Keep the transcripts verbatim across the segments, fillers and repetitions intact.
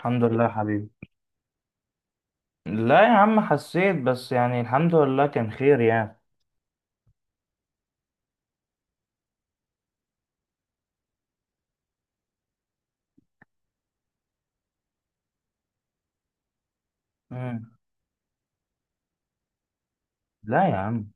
الحمد لله يا حبيبي. لا يا عم، حسيت بس يعني الحمد لله كان خير يعني. مم. لا يا عم.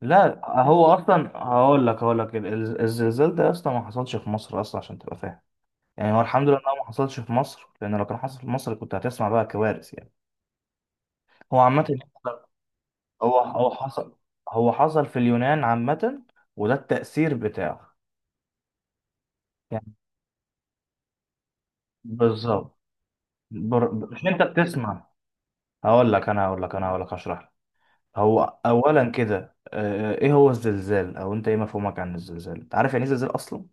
لا هو اصلا هقول لك هقول لك ال- الزلزال ده اصلا ما حصلش في مصر اصلا عشان تبقى فاهم. يعني هو الحمد لله إنه ما حصلش في مصر، لان لو كان حصل في مصر كنت هتسمع بقى كوارث يعني. هو عامه هو هو حصل هو حصل في اليونان عامه، وده التأثير بتاعه. يعني، بالظبط. بر- مش انت بتسمع؟ هقول لك انا هقول لك انا هقول لك هشرح لك. هو اولا كده، آه، ايه هو الزلزال؟ او انت ايه مفهومك عن الزلزال؟ انت عارف يعني ايه زلزال اصلا؟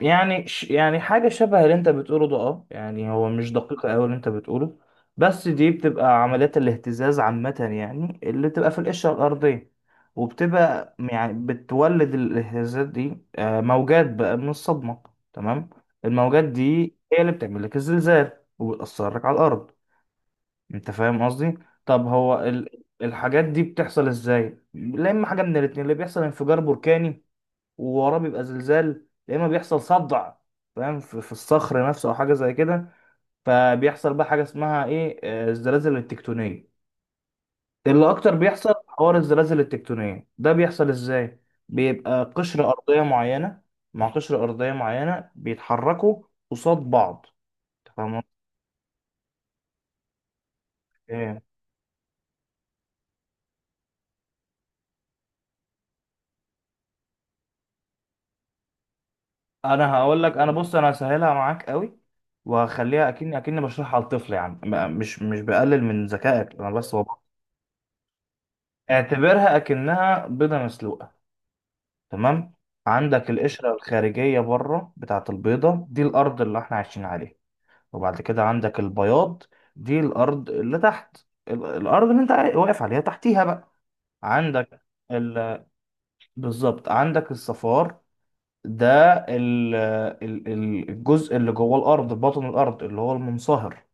يعني ش... يعني حاجه شبه اللي انت بتقوله ده. اه يعني هو مش دقيقه قوي اللي انت بتقوله. بس دي بتبقى عمليات الاهتزاز عامه، يعني اللي بتبقى في القشره الارضيه، وبتبقى يعني بتولد الاهتزازات دي، آه، موجات بقى من الصدمه. تمام. الموجات دي هي اللي بتعمل لك الزلزال وبتاثر لك على الارض. انت فاهم قصدي؟ طب هو ال- الحاجات دي بتحصل ازاي؟ لا اما حاجه من الاتنين، اللي بيحصل انفجار بركاني ووراه بيبقى زلزال، يا اما بيحصل صدع، فاهم، في في الصخر نفسه او حاجه زي كده. فبيحصل بقى حاجه اسمها ايه، آه، الزلازل التكتونيه اللي اكتر بيحصل. حوار الزلازل التكتونيه ده بيحصل ازاي؟ بيبقى قشره ارضيه معينه مع قشره ارضيه معينه، بيتحركوا قصاد بعض. تفهم؟ انا هقول لك، انا بص، انا هسهلها معاك قوي، وهخليها اكني اكني بشرحها لطفل، يعني م- مش مش بقلل من ذكائك، انا بس ببقى. اعتبرها اكنها بيضه مسلوقه. تمام؟ عندك القشره الخارجيه بره بتاعه البيضه دي، الارض اللي احنا عايشين عليها. وبعد كده عندك البياض، دي الارض اللي تحت ال- الارض اللي انت واقف عليها. تحتيها بقى عندك ال... بالظبط، عندك الصفار، ده ال- ال- ال- الجزء اللي جوه الارض، بطن الارض اللي هو المنصهر،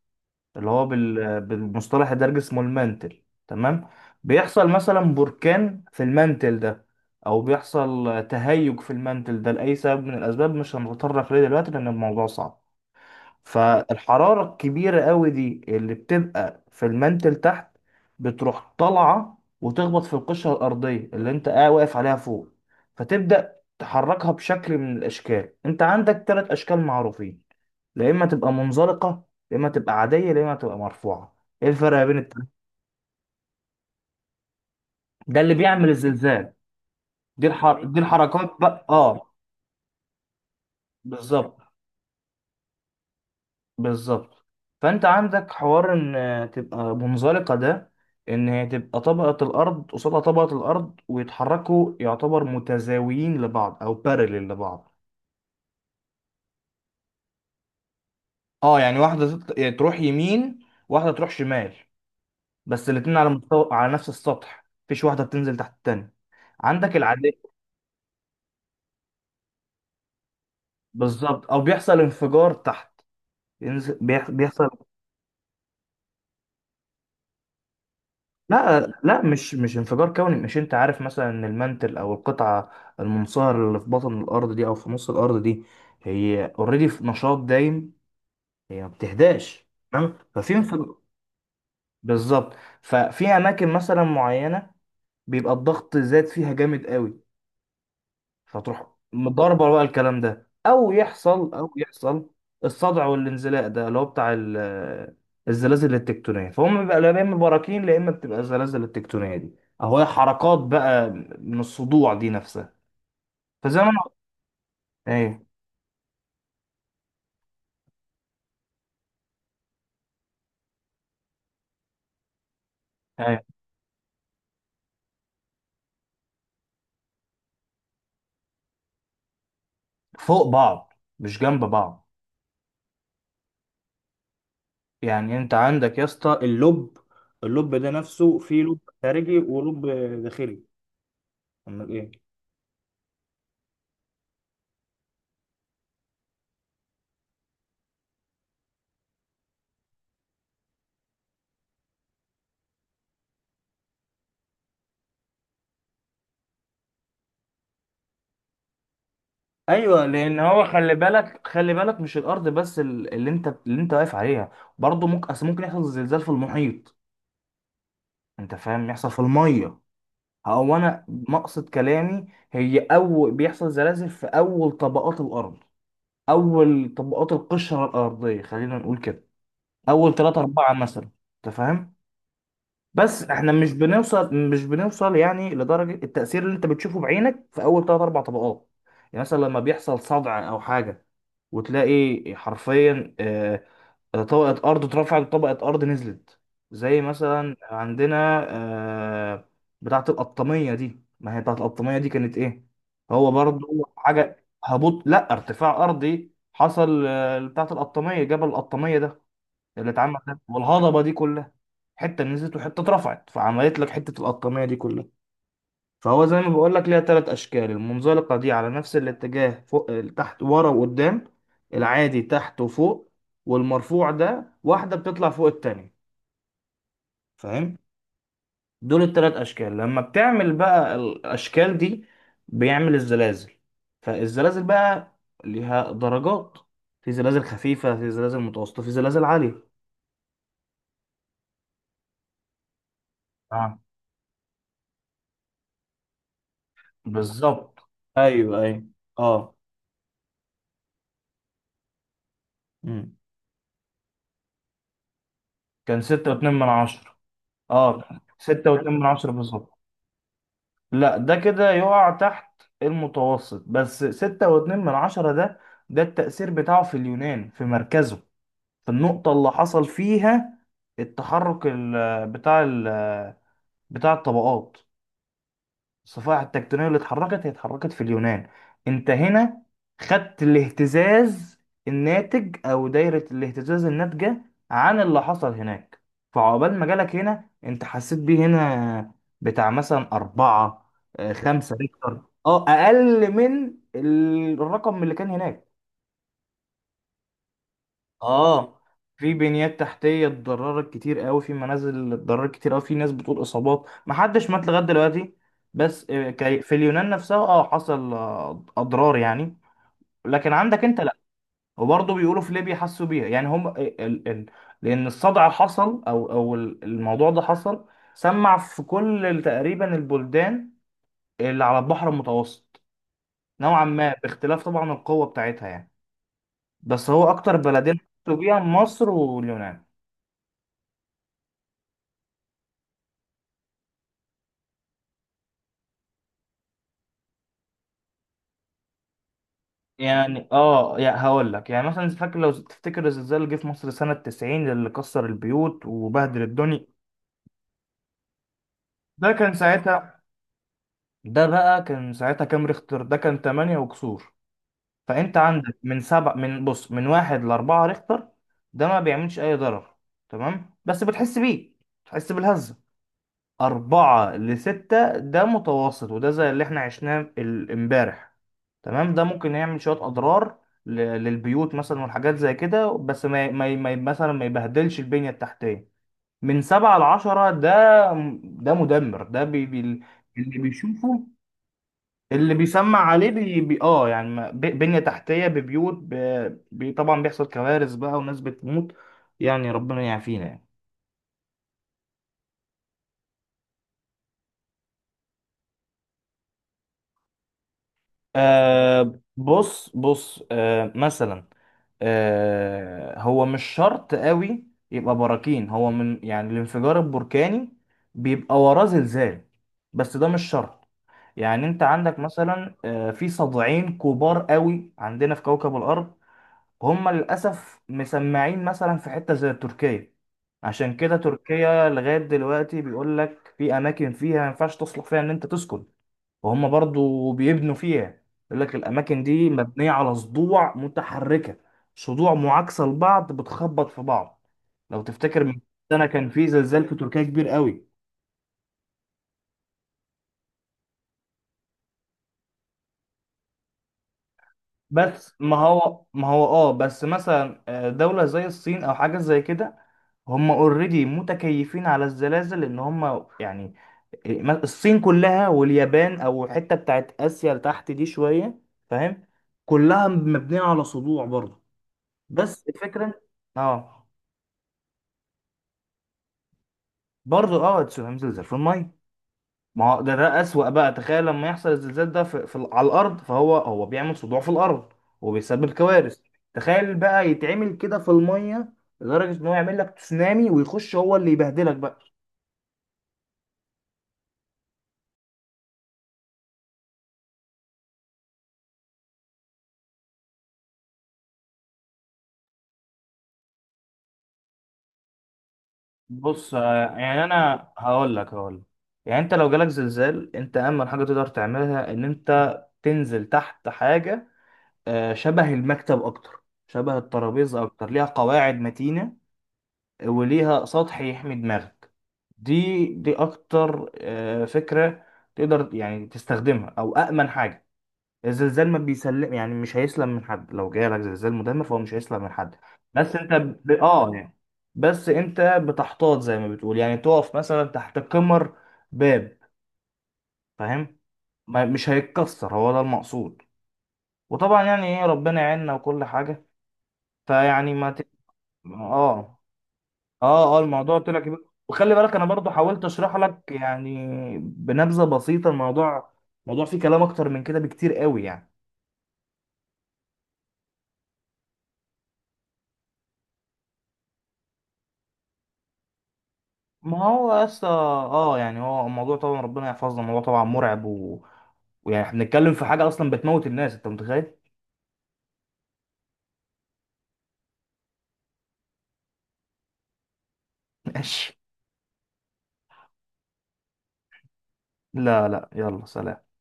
اللي هو بال- بالمصطلح الدارجي اسمه المانتل. تمام؟ بيحصل مثلا بركان في المانتل ده، او بيحصل تهيج في المانتل ده لاي سبب من الاسباب، مش هنتطرق ليه دلوقتي لان الموضوع صعب. فالحرارة الكبيرة قوي دي اللي بتبقى في المانتل تحت بتروح طالعة وتخبط في القشرة الأرضية اللي أنت قاعد واقف عليها فوق. فتبدأ تحركها بشكل من الأشكال. أنت عندك ثلاث أشكال معروفين: يا إما تبقى منزلقة، يا إما تبقى عادية، يا إما تبقى مرفوعة. إيه الفرق بين التلاتة؟ ده اللي بيعمل الزلزال. دي الحر... دي الحركات بقى، آه بالظبط. بالظبط. فانت عندك حوار ان تبقى منزلقه، ده ان هي تبقى طبقه الارض قصادها طبقه الارض ويتحركوا، يعتبر متزاويين لبعض او بارلل لبعض. اه يعني واحده تط- يعني تروح يمين، واحده تروح شمال، بس الاتنين على مستوى، على نفس السطح، مفيش واحده بتنزل تحت التانيه. عندك العاديه. بالظبط، او بيحصل انفجار تحت، ينزل- بيح- بيحصل. لا لا، مش مش انفجار كوني. مش انت عارف مثلا ان المنتل، او القطعه المنصهره اللي في بطن الارض دي، او في نص الارض دي، هي اوريدي في نشاط دايم، هي ما بتهداش. تمام؟ ففي انفجار. بالظبط. ففي اماكن مثلا معينه بيبقى الضغط زاد فيها جامد قوي، هتروح مضاربة بقى الكلام ده، أو يحصل، أو يحصل الصدع والانزلاق ده اللي هو بتاع ال- الزلازل التكتونية. فهم بقى، لا إما براكين، لا إما بتبقى الزلازل التكتونية دي، أهو هي حركات بقى من الصدوع دي نفسها، فزي ما أنا. أيوه، أيوه. فوق بعض، مش جنب بعض. يعني أنت عندك يا اسطى اللب، اللب ده نفسه فيه لب خارجي ولب داخلي. أمال إيه؟ ايوه، لان هو خلي بالك، خلي بالك، مش الارض بس ال- اللي انت اللي انت واقف عليها. برضه ممكن، اصل ممكن يحصل زلزال في المحيط، انت فاهم؟ يحصل في الميه. هو انا مقصد كلامي، هي اول بيحصل زلازل في اول طبقات الارض، اول طبقات القشره الارضيه خلينا نقول كده، اول ثلاثة أربعة مثلا. انت فاهم؟ بس احنا مش بنوصل مش بنوصل يعني لدرجه التاثير اللي انت بتشوفه بعينك في اول ثلاثة أربع طبقات. يعني مثلا لما بيحصل صدع او حاجه، وتلاقي حرفيا، آه، طبقة أرض اترفعت وطبقة أرض نزلت، زي مثلا عندنا آه، بتاعة القطامية دي. ما هي بتاعة القطامية دي كانت إيه؟ هو برضو حاجة هبوط لا ارتفاع أرضي حصل، آه، بتاعة القطامية، جبل القطامية ده اللي اتعمل ده والهضبة دي كلها، حتة نزلت وحتة اترفعت فعملت لك حتة القطامية دي كلها. فهو زي ما بقول لك، ليها ثلاث اشكال. المنزلقه دي على نفس الاتجاه، فوق تحت، ورا وقدام. العادي تحت وفوق. والمرفوع ده واحده بتطلع فوق التانية. فاهم؟ دول الثلاث اشكال، لما بتعمل بقى الاشكال دي، بيعمل الزلازل. فالزلازل بقى ليها درجات، في زلازل خفيفه، في زلازل متوسطه، في زلازل عاليه. اه بالظبط. ايوه، ايوه. اه. مم. كان ستة واتنين من عشرة. اه ستة واتنين من عشرة بالظبط. لا، ده كده يقع تحت المتوسط، بس ستة واتنين من عشرة ده، ده التأثير بتاعه في اليونان، في مركزه، في النقطة اللي حصل فيها التحرك، ال- بتاع ال- بتاع الطبقات، الصفائح التكتونية اللي اتحركت، هي اتحركت في اليونان. انت هنا خدت الاهتزاز الناتج، او دايرة الاهتزاز الناتجة عن اللي حصل هناك، فعقبال ما جالك هنا انت حسيت بيه هنا بتاع مثلا أربعة، آه، خمسة ريكتر، اه أقل من ال- الرقم اللي كان هناك. اه في بنيات تحتيه اتضررت كتير قوي، في منازل اتضررت كتير قوي، في ناس بتقول اصابات، ما حدش مات لغايه دلوقتي. بس آه، كي- في اليونان نفسها اه حصل آه، اضرار يعني. لكن عندك انت لا. وبرضه بيقولوا في ليبيا حسوا بيها، يعني هم، آه، ال... ال... لان الصدع اللي حصل او او ال- الموضوع ده حصل، سمع في كل ال- تقريبا البلدان اللي على البحر المتوسط، نوعا ما، باختلاف طبعا القوه بتاعتها يعني. بس هو اكتر بلدين حسوا بيها مصر واليونان. يعني اه يعني هقول لك، يعني مثلا فاكر، لو تفتكر الزلزال اللي جه في مصر سنة تسعين اللي كسر البيوت وبهدل الدنيا. ده كان ساعتها. ده بقى كان ساعتها كام ريختر؟ ده كان تمانية وكسور. فانت عندك من سبع من بص من واحد لأربعة ريختر. ده ما بيعملش اي ضرر، تمام، بس بتحس بيه، بتحس بالهزة. أربعة لستة ده متوسط، وده زي اللي احنا عشناه ال- امبارح. تمام. ده ممكن يعمل شوية أضرار ل- للبيوت مثلا والحاجات زي كده، بس ما ي- ما ي- ما ي- مثلا ما يبهدلش البنية التحتية. من سبعة لعشرة ده، ده مدمر. ده بي بي اللي بيشوفه، اللي بيسمع عليه، بي بي اه يعني ما- ب- بنية تحتية، ببيوت، ب- بي طبعا بيحصل كوارث بقى، وناس بتموت يعني. ربنا يعافينا يعني. آه بص، بص، آه مثلا، آه هو مش شرط قوي يبقى براكين. هو من يعني الانفجار البركاني بيبقى وراه زلزال، بس ده مش شرط. يعني انت عندك مثلا، آه في صدعين كبار قوي عندنا في كوكب الارض. هم للاسف مسمعين مثلا في حتة زي تركيا. عشان كده تركيا لغاية دلوقتي بيقول لك في اماكن فيها ما ينفعش تصلح فيها ان انت تسكن، وهم برضو بيبنوا فيها، يقول لك الاماكن دي مبنيه على صدوع متحركه، صدوع معاكسه لبعض بتخبط في بعض. لو تفتكر من سنه كان في زلزال في تركيا كبير قوي. بس ما هو ما هو اه بس مثلا، آه، دولة زي الصين او حاجة زي كده، هم اوريدي متكيفين على الزلازل ان هم، يعني إيه، ما- الصين كلها واليابان او الحتة بتاعت اسيا لتحت دي شوية. فاهم؟ كلها مبنية على صدوع برضه. بس الفكره. اه برضه اه هينزل زي في الميه. ما هو ده، ده اسوأ بقى. تخيل لما يحصل الزلزال ده في, في ال- على الارض، فهو هو بيعمل صداع في الارض وبيسبب كوارث. تخيل بقى يتعمل كده في الميه، لدرجه ان هو يعمل لك تسونامي، ويخش هو اللي يبهدلك بقى. بص، آه، يعني انا هقول لك هقول لك، يعني انت لو جالك زلزال، انت امن حاجه تقدر تعملها ان انت تنزل تحت حاجه، آه، شبه المكتب، اكتر شبه الترابيزه، اكتر ليها قواعد متينه، وليها سطح يحمي دماغك. دي دي اكتر آه، فكرة تقدر يعني تستخدمها، او امن حاجة. الزلزال ما بيسلم، يعني مش هيسلم من حد، لو جاي لك زلزال مدمر فهو مش هيسلم من حد. بس انت ب... اه يعني بس انت بتحتاط زي ما بتقول، يعني تقف مثلا تحت كمر، باب. فاهم؟ ما... مش هيتكسر، هو ده المقصود. وطبعا يعني ايه، ربنا يعيننا وكل حاجة. فيعني ما ت... اه اه اه الموضوع طلع كبير، وخلي بالك انا برضو حاولت اشرح لك يعني بنبذه بسيطه الموضوع الموضوع فيه كلام اكتر من كده بكتير قوي يعني. ما هو اصلا اه يعني، هو الموضوع طبعا ربنا يحفظنا، الموضوع طبعا مرعب و... ويعني احنا بنتكلم في حاجه اصلا بتموت الناس، انت متخيل؟ ماشي. لا لا، يلا سلام.